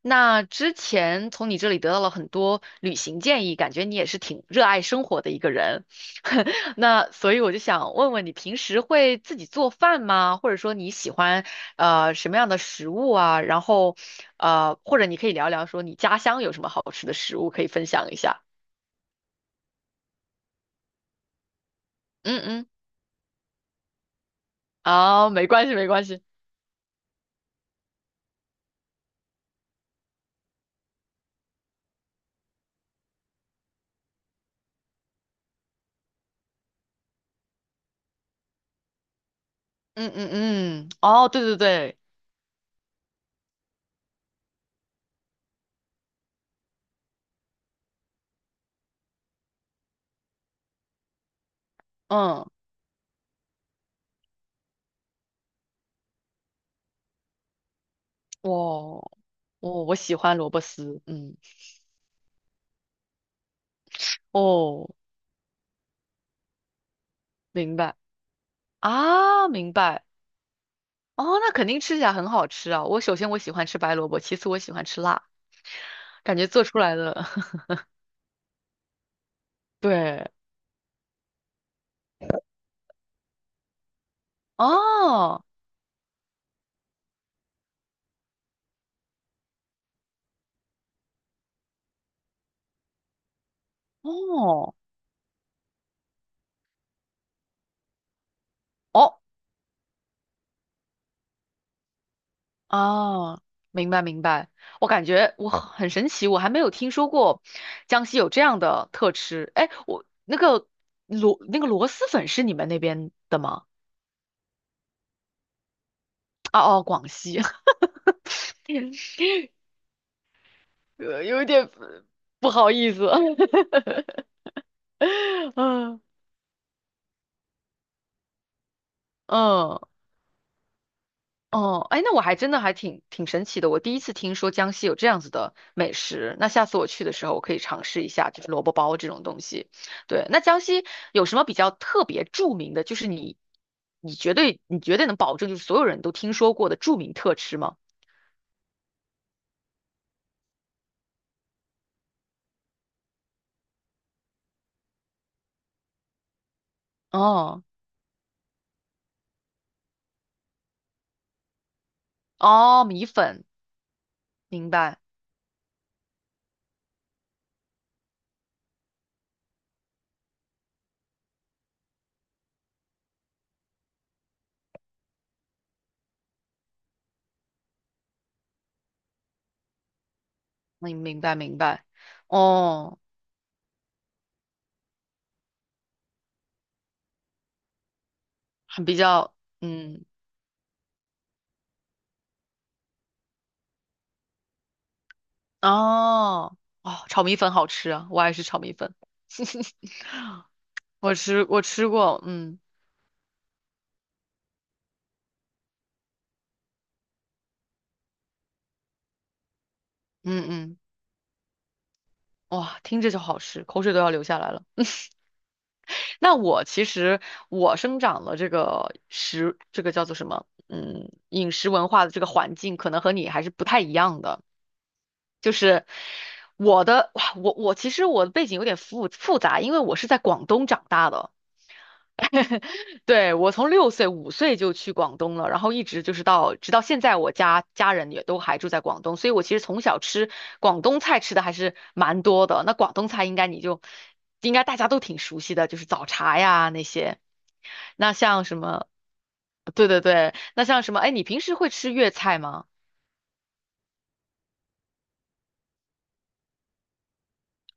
那之前从你这里得到了很多旅行建议，感觉你也是挺热爱生活的一个人。那所以我就想问问你，平时会自己做饭吗？或者说你喜欢什么样的食物啊？然后或者你可以聊聊说你家乡有什么好吃的食物可以分享一下。嗯嗯，哦，没关系没关系。嗯嗯嗯，哦，对对对，嗯，我我喜欢萝卜丝。嗯，哦，明白啊，明白。哦，那肯定吃起来很好吃啊！我首先我喜欢吃白萝卜，其次我喜欢吃辣，感觉做出来的 对，哦哦哦哦，明白明白。我感觉我很神奇，我还没有听说过江西有这样的特吃。哎，我那个螺蛳粉是你们那边的吗？哦哦，广西，有一点不好意思，嗯嗯。哦，哎，那我还真的还挺神奇的，我第一次听说江西有这样子的美食，那下次我去的时候我可以尝试一下，就是萝卜包这种东西。对，那江西有什么比较特别著名的，就是你绝对能保证就是所有人都听说过的著名特吃吗？哦哦，米粉，明白，明白，哦，很比较，嗯，哦哦，炒米粉好吃啊，我爱吃炒米粉，我吃过，嗯。嗯嗯，哇，听着就好吃，口水都要流下来了。那我其实我生长了这个食，这个叫做什么？嗯，饮食文化的这个环境，可能和你还是不太一样的。就是哇，我其实我的背景有点复杂，因为我是在广东长大的。对，我从6岁、5岁就去广东了，然后一直就是直到现在，我家人也都还住在广东，所以我其实从小吃广东菜吃的还是蛮多的。那广东菜应该大家都挺熟悉的，就是早茶呀那些。那像什么？对对对，那像什么？哎，你平时会吃粤菜吗？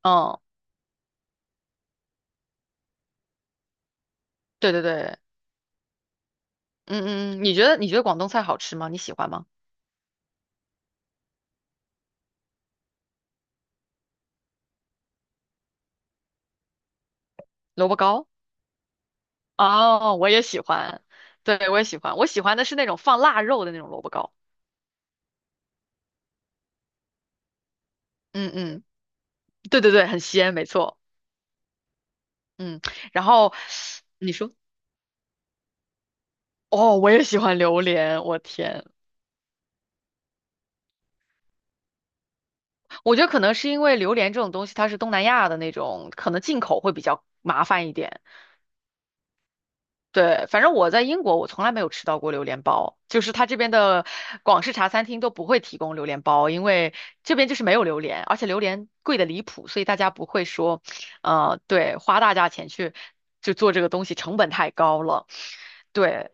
嗯，对对对，嗯嗯嗯，你觉得广东菜好吃吗？你喜欢吗？萝卜糕？哦，我也喜欢，对，我也喜欢，我喜欢的是那种放腊肉的那种萝卜糕。嗯嗯，对对对，很鲜，没错。嗯，然后你说，哦，我也喜欢榴莲，我天，我觉得可能是因为榴莲这种东西它是东南亚的那种，可能进口会比较麻烦一点。对，反正我在英国，我从来没有吃到过榴莲包，就是它这边的广式茶餐厅都不会提供榴莲包，因为这边就是没有榴莲，而且榴莲贵的离谱，所以大家不会说，对，花大价钱去做这个东西，成本太高了。对，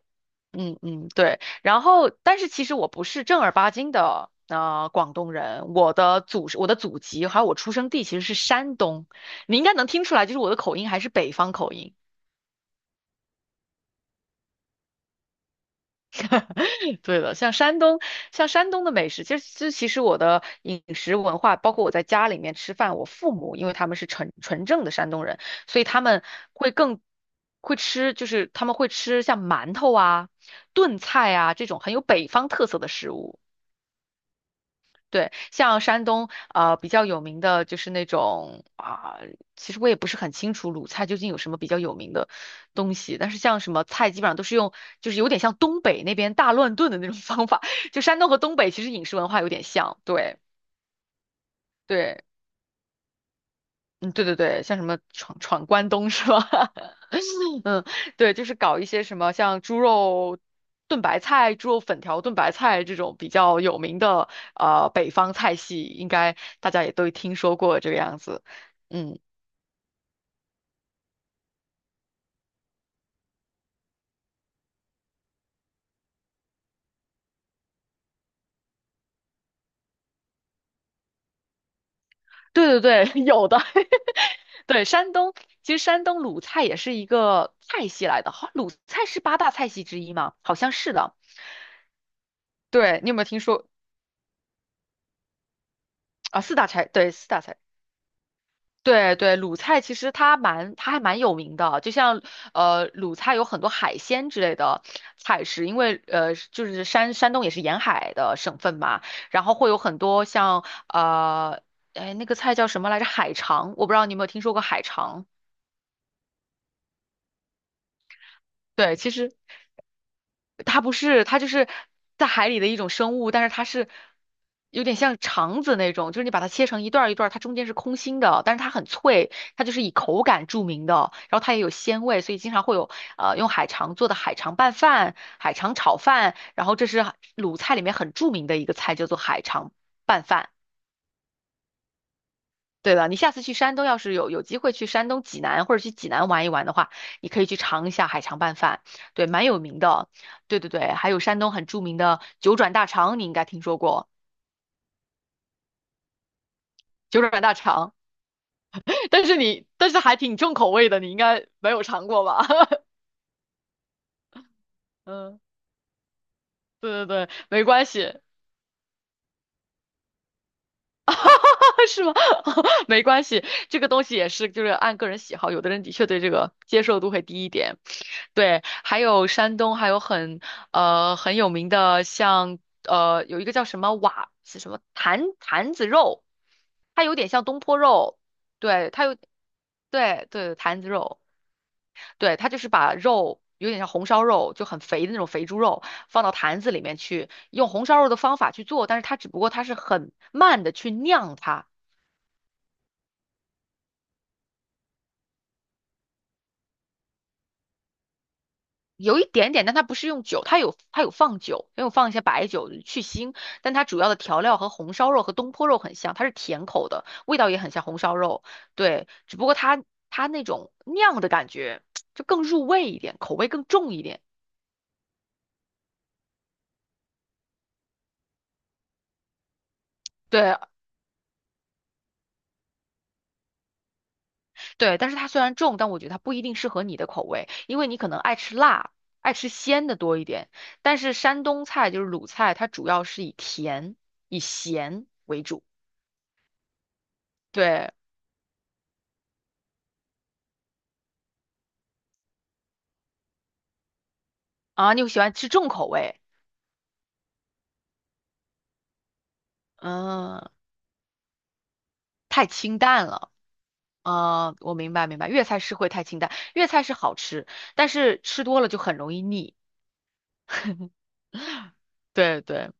嗯嗯，对。然后，但是其实我不是正儿八经的广东人，我的祖籍还有我出生地其实是山东，你应该能听出来，就是我的口音还是北方口音。对的，像山东，像山东的美食，其实我的饮食文化，包括我在家里面吃饭，我父母因为他们是纯正的山东人，所以他们会更会吃，就是他们会吃像馒头啊、炖菜啊这种很有北方特色的食物。对，像山东比较有名的就是那种啊、其实我也不是很清楚鲁菜究竟有什么比较有名的东西，但是像什么菜基本上都是用，就是有点像东北那边大乱炖的那种 方法，就山东和东北其实饮食文化有点像，对对，嗯对对对，像什么闯关东是吧？嗯，对，就是搞一些什么像猪肉炖白菜、猪肉粉条炖白菜这种比较有名的北方菜系，应该大家也都听说过这个样子。嗯，对对对，有的。对，其实山东鲁菜也是一个菜系来的，好，鲁菜是八大菜系之一吗？好像是的。对，你有没有听说啊？四大菜，对，四大菜。对对，鲁菜其实它蛮，它还蛮有名的。就像鲁菜有很多海鲜之类的菜式，因为就是山东也是沿海的省份嘛，然后会有很多像哎，那个菜叫什么来着？海肠，我不知道你有没有听说过海肠。对，其实它不是，它就是在海里的一种生物，但是它是有点像肠子那种，就是你把它切成一段儿一段儿，它中间是空心的，但是它很脆，它就是以口感著名的，然后它也有鲜味，所以经常会有用海肠做的海肠拌饭、海肠炒饭，然后这是鲁菜里面很著名的一个菜，叫做海肠拌饭。对了，你下次去山东，要是有机会去山东济南或者去济南玩一玩的话，你可以去尝一下海肠拌饭，对，蛮有名的。对对对，还有山东很著名的九转大肠，你应该听说过九转大肠，但是还挺重口味的，你应该没有尝过吧？嗯，对对对，没关系。是吗？没关系，这个东西也是就是按个人喜好，有的人的确对这个接受度会低一点。对，还有山东还有很有名的像有一个叫什么坛子肉，它有点像东坡肉，对，对对，坛子肉，对，它就是把肉。有点像红烧肉，就很肥的那种肥猪肉，放到坛子里面去，用红烧肉的方法去做，但是它只不过它是很慢的去酿它，有一点点，但它不是用酒，它有放酒，也有放一些白酒去腥，但它主要的调料和红烧肉和东坡肉很像，它是甜口的，味道也很像红烧肉，对，只不过它那种酿的感觉就更入味一点，口味更重一点，对对，但是它虽然重，但我觉得它不一定适合你的口味，因为你可能爱吃辣，爱吃鲜的多一点，但是山东菜就是鲁菜，它主要是以咸为主，对啊，你喜欢吃重口味。嗯，太清淡了。啊、我明白明白，粤菜是会太清淡，粤菜是好吃，但是吃多了就很容易腻。对对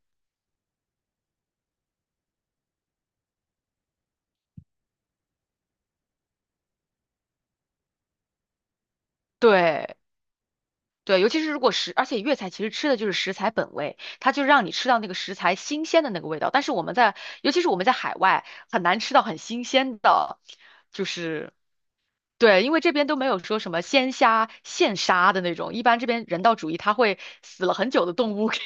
对对，尤其是如果食，而且粤菜其实吃的就是食材本味，它就让你吃到那个食材新鲜的那个味道。但是我们在，尤其是我们在海外，很难吃到很新鲜的，就是对，因为这边都没有说什么鲜虾现杀的那种，一般这边人道主义，它会死了很久的动物给，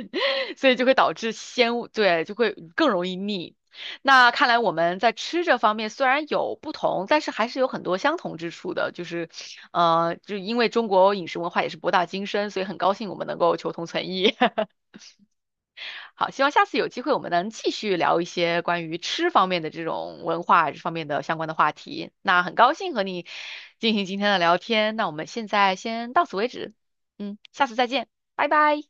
所以就会导致鲜物对，就会更容易腻。那看来我们在吃这方面虽然有不同，但是还是有很多相同之处的，就是，就因为中国饮食文化也是博大精深，所以很高兴我们能够求同存异。好，希望下次有机会我们能继续聊一些关于吃方面的这种文化这方面的相关的话题。那很高兴和你进行今天的聊天，那我们现在先到此为止，嗯，下次再见，拜拜。